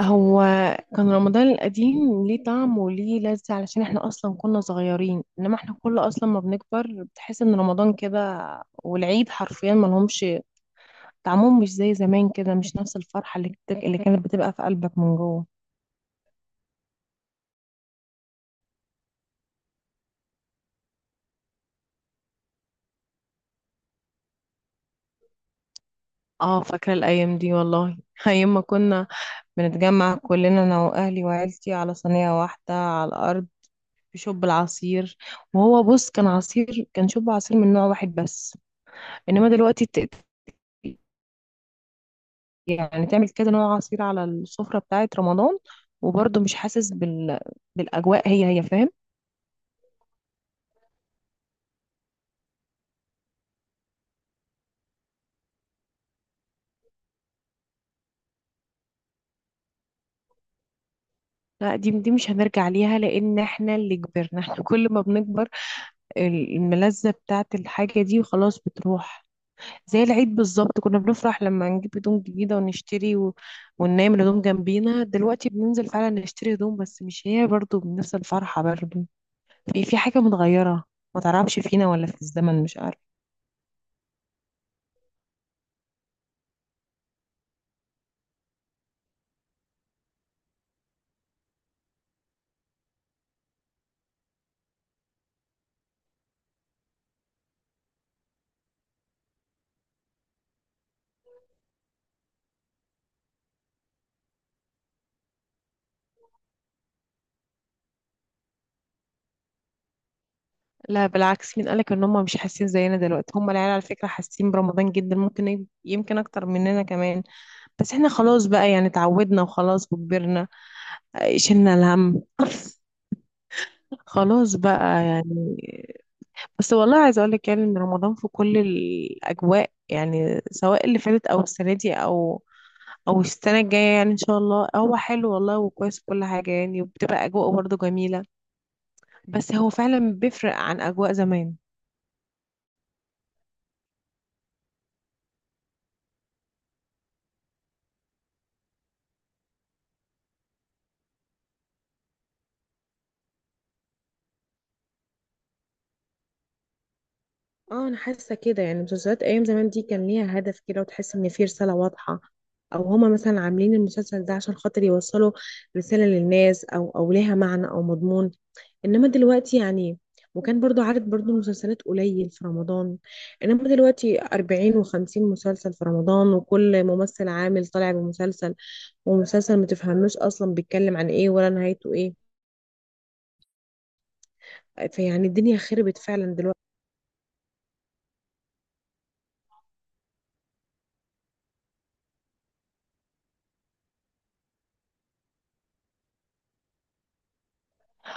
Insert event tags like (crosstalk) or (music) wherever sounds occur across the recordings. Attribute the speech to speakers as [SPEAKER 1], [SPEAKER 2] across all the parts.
[SPEAKER 1] هو كان رمضان القديم ليه طعم وليه لذة علشان احنا اصلا كنا صغيرين. انما احنا كل اصلا ما بنكبر بتحس ان رمضان كده والعيد حرفيا ما لهمش طعمهم، مش زي زمان كده، مش نفس الفرحة اللي كانت بتبقى في قلبك من جوه. اه، فاكرة الايام دي والله، (laughs) ايام ما كنا بنتجمع كلنا انا واهلي وعيلتي على صينية واحدة على الارض بشوب العصير. وهو بص، كان عصير، كان شوب عصير من نوع واحد بس، انما دلوقتي يعني تعمل كذا نوع عصير على السفرة بتاعة رمضان، وبرضه مش حاسس بال... بالأجواء هي هي، فاهم. لا، دي مش هنرجع ليها، لأن احنا اللي كبرنا احنا. (laughs) كل ما بنكبر الملذة بتاعة الحاجة دي خلاص بتروح. زي العيد بالظبط، كنا بنفرح لما نجيب هدوم جديدة ونشتري و... وننام الهدوم جنبينا. دلوقتي بننزل فعلا نشتري هدوم، بس مش هي برضه، بنفس الفرحة برضه. في حاجة متغيرة، ما تعرفش فينا ولا في الزمن، مش عارفة. لا بالعكس، مين قالك ان هم مش حاسين زينا دلوقتي؟ هم العيال على فكرة حاسين برمضان جدا، ممكن يمكن اكتر مننا كمان. بس احنا خلاص بقى، يعني اتعودنا وخلاص وكبرنا. آه، شلنا الهم. (laughs) خلاص بقى يعني. بس والله عايزة اقولك يعني ان رمضان في كل الاجواء، يعني سواء اللي فاتت او السنة دي او او السنة الجاية، يعني ان شاء الله هو حلو والله وكويس كل حاجة يعني، وبتبقى اجواء برضه جميلة. بس هو فعلا بيفرق عن اجواء زمان. اه، انا حاسه كده، يعني مسلسلات ايام زمان دي كان ليها هدف كده، وتحس ان في رساله واضحه، او هما مثلا عاملين المسلسل ده عشان خاطر يوصلوا رساله للناس، او او ليها معنى او مضمون. انما دلوقتي يعني، وكان برضو عدد برضو مسلسلات قليل في رمضان، انما دلوقتي 40 و50 مسلسل في رمضان، وكل ممثل عامل طالع بمسلسل، ومسلسل ما تفهموش اصلا بيتكلم عن ايه ولا نهايته ايه. فيعني الدنيا خربت فعلا دلوقتي.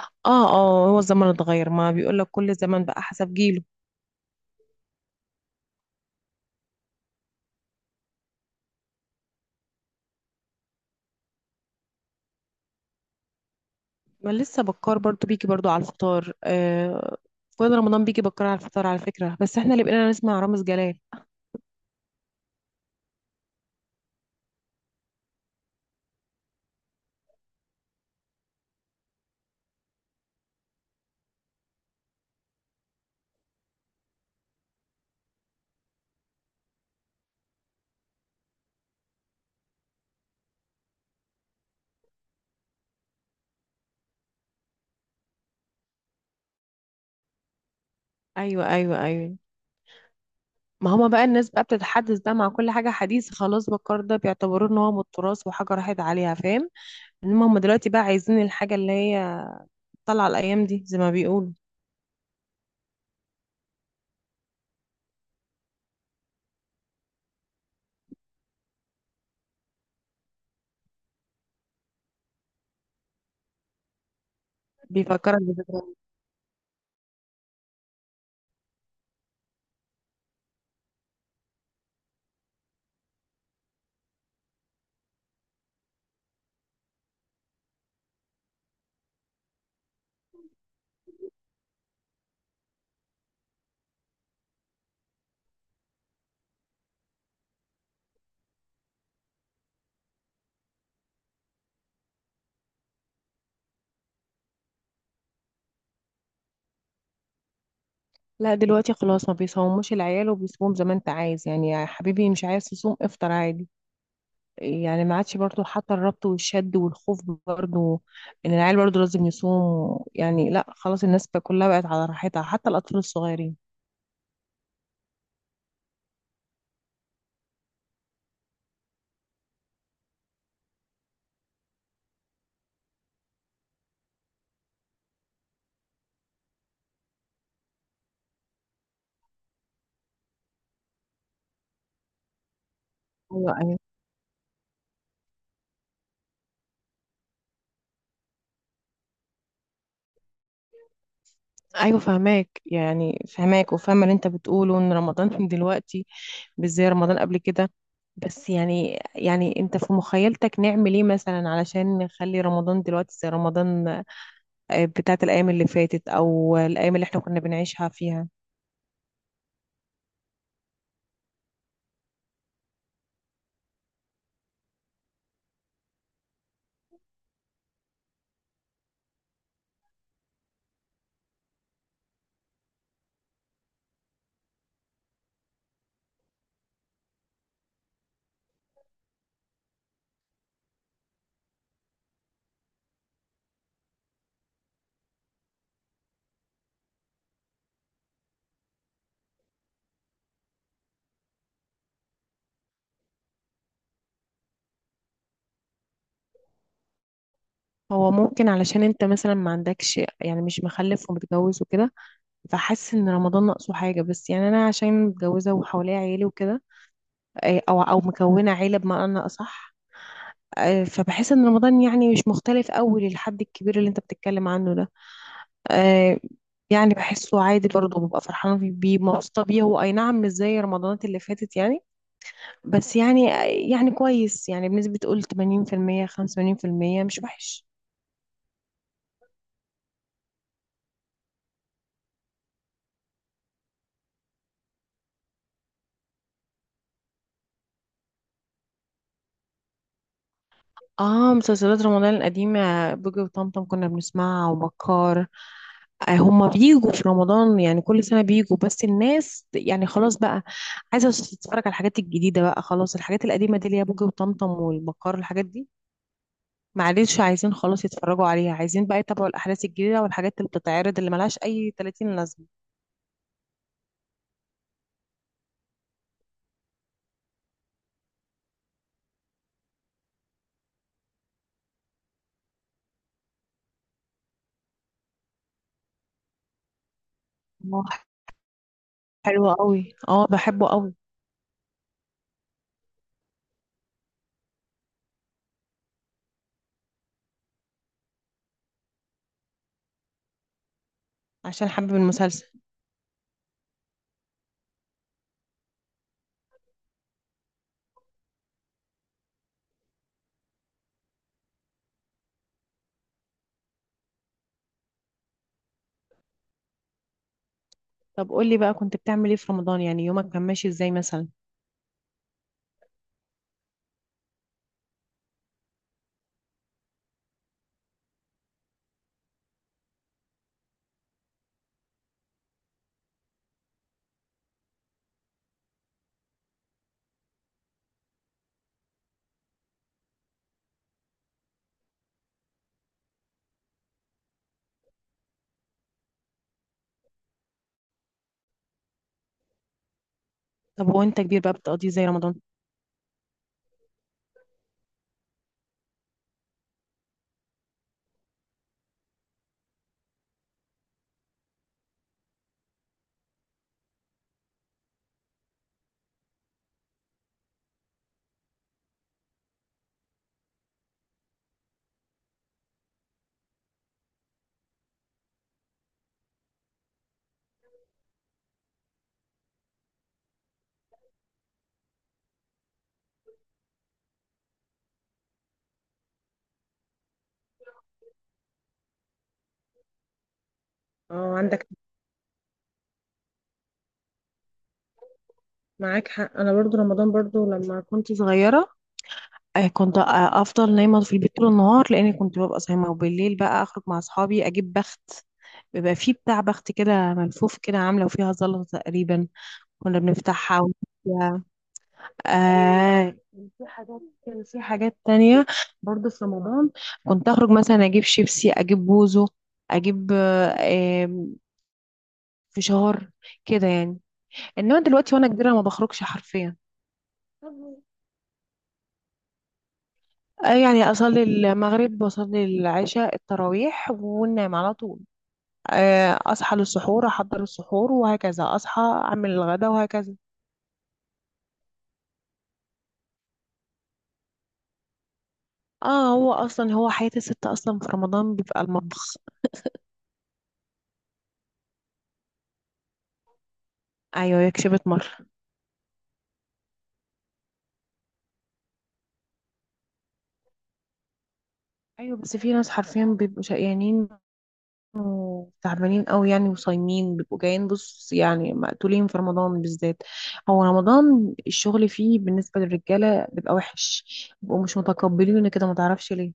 [SPEAKER 1] اه اه، هو الزمن اتغير، ما بيقول لك كل زمن بقى حسب جيله. ما لسه بكار برضو بيجي برضو على الفطار، آه. كل رمضان بيجي بكار على الفطار على فكرة، بس احنا اللي بقينا نسمع رامز جلال. ايوه ايوه ايوه، ما هما بقى الناس بقى بتتحدث بقى مع كل حاجة حديث. خلاص، بكار ده بيعتبروه ان هو من التراث وحاجة راحت عليها، فاهم. انما هما دلوقتي بقى عايزين الحاجة اللي هي طالعة الأيام دي زي ما بيقولوا. بيفكرك بذكريات. لا دلوقتي خلاص، ما بيصوموش العيال، وبيصوموا زي ما انت عايز، يعني يا حبيبي مش عايز تصوم افطر عادي. يعني ما عادش برضو حتى الربط والشد والخوف برضو، ان العيال برضو لازم يصوم. يعني لا، خلاص الناس بقى كلها بقت على راحتها حتى الاطفال الصغيرين. ايوه ايوه ايوه، فهماك يعني، فهماك وفاهمه اللي انت بتقوله ان رمضان (laughs) من دلوقتي مش زي رمضان قبل كده. بس يعني يعني، انت في مخيلتك نعمل ايه مثلا علشان نخلي رمضان دلوقتي زي رمضان آه، بتاعت الايام اللي فاتت او الايام اللي احنا كنا بنعيشها فيها؟ هو ممكن علشان انت مثلا ما عندكش، يعني مش مخلف ومتجوز وكده، فحاسس ان رمضان ناقصه حاجه. بس يعني انا عشان متجوزه وحواليا عيله وكده، او او مكونه عيله بمعنى اصح، اه، فبحس ان رمضان يعني مش مختلف قوي للحد الكبير اللي انت بتتكلم عنه ده. اه، يعني بحسه عادي برضه، ببقى فرحانه بيه بيه، مبسوطه بيه. هو اي نعم مش زي رمضانات اللي فاتت يعني، بس يعني آه، يعني كويس، يعني بنسبه قول 80% 85%، مش وحش. اه، مسلسلات رمضان القديمة، بوجي وطمطم كنا بنسمعها وبكار. آه، هما بيجوا في رمضان، يعني كل سنة بيجوا، بس الناس يعني خلاص بقى عايزة تتفرج على الحاجات الجديدة بقى. خلاص الحاجات القديمة دي اللي هي بوجي وطمطم والبكار، الحاجات دي معلش عايزين خلاص يتفرجوا عليها، عايزين بقى يتابعوا الأحداث الجديدة والحاجات اللي بتتعرض اللي ملهاش أي 30 لازمة. اه حلوة قوي، اه بحبه قوي. عشان حابب المسلسل. طب قولي بقى، كنت بتعمل ايه في رمضان؟ يعني يومك كان ماشي ازاي مثلا؟ طب وانت كبير بقى بتقضيه ازاي رمضان؟ اه عندك. معاك حق، انا برضو رمضان، برضو لما كنت صغيره آه، كنت آه، افضل نايمه في البيت طول النهار لاني كنت ببقى صايمه، وبالليل بقى اخرج مع اصحابي اجيب بخت. بيبقى فيه بتاع بخت كده ملفوف كده عامله وفيها زلطه تقريبا، كنا بنفتحها. و... آه، في حاجات، كان في حاجات تانية برضو في رمضان، كنت اخرج مثلا اجيب شيبسي، اجيب بوزو، اجيب آه، آه، فشار كده يعني. انما دلوقتي وانا كبيره ما بخرجش حرفيا. آه، يعني أصلي المغرب وأصلي العشاء التراويح وننام على طول. آه، أصحى للسحور أحضر السحور وهكذا، أصحى أعمل الغدا وهكذا. اه، هو أصلا، هو حياة الست أصلا في رمضان بيبقى المطبخ. أيوه، هي كشبت مرة. أيوه، بس في ناس حرفيا بيبقوا شقيانين وتعبانين أوي يعني، وصايمين بيبقوا جايين بص، يعني مقتولين في رمضان بالذات. هو رمضان الشغل فيه بالنسبة للرجالة بيبقى وحش، بيبقوا مش متقبلين كده ما تعرفش ليه.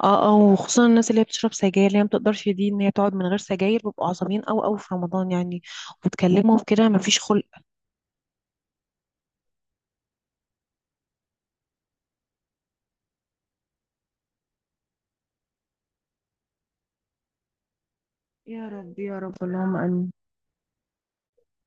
[SPEAKER 1] اه اه، وخصوصا الناس اللي هي بتشرب سجاير، اللي هي ما بتقدرش دي ان هي تقعد من غير سجاير، بيبقوا عصبيين قوي قوي في رمضان يعني، وتكلمهم كده ما فيش خلق. يا رب، يا رب، اللهم امين.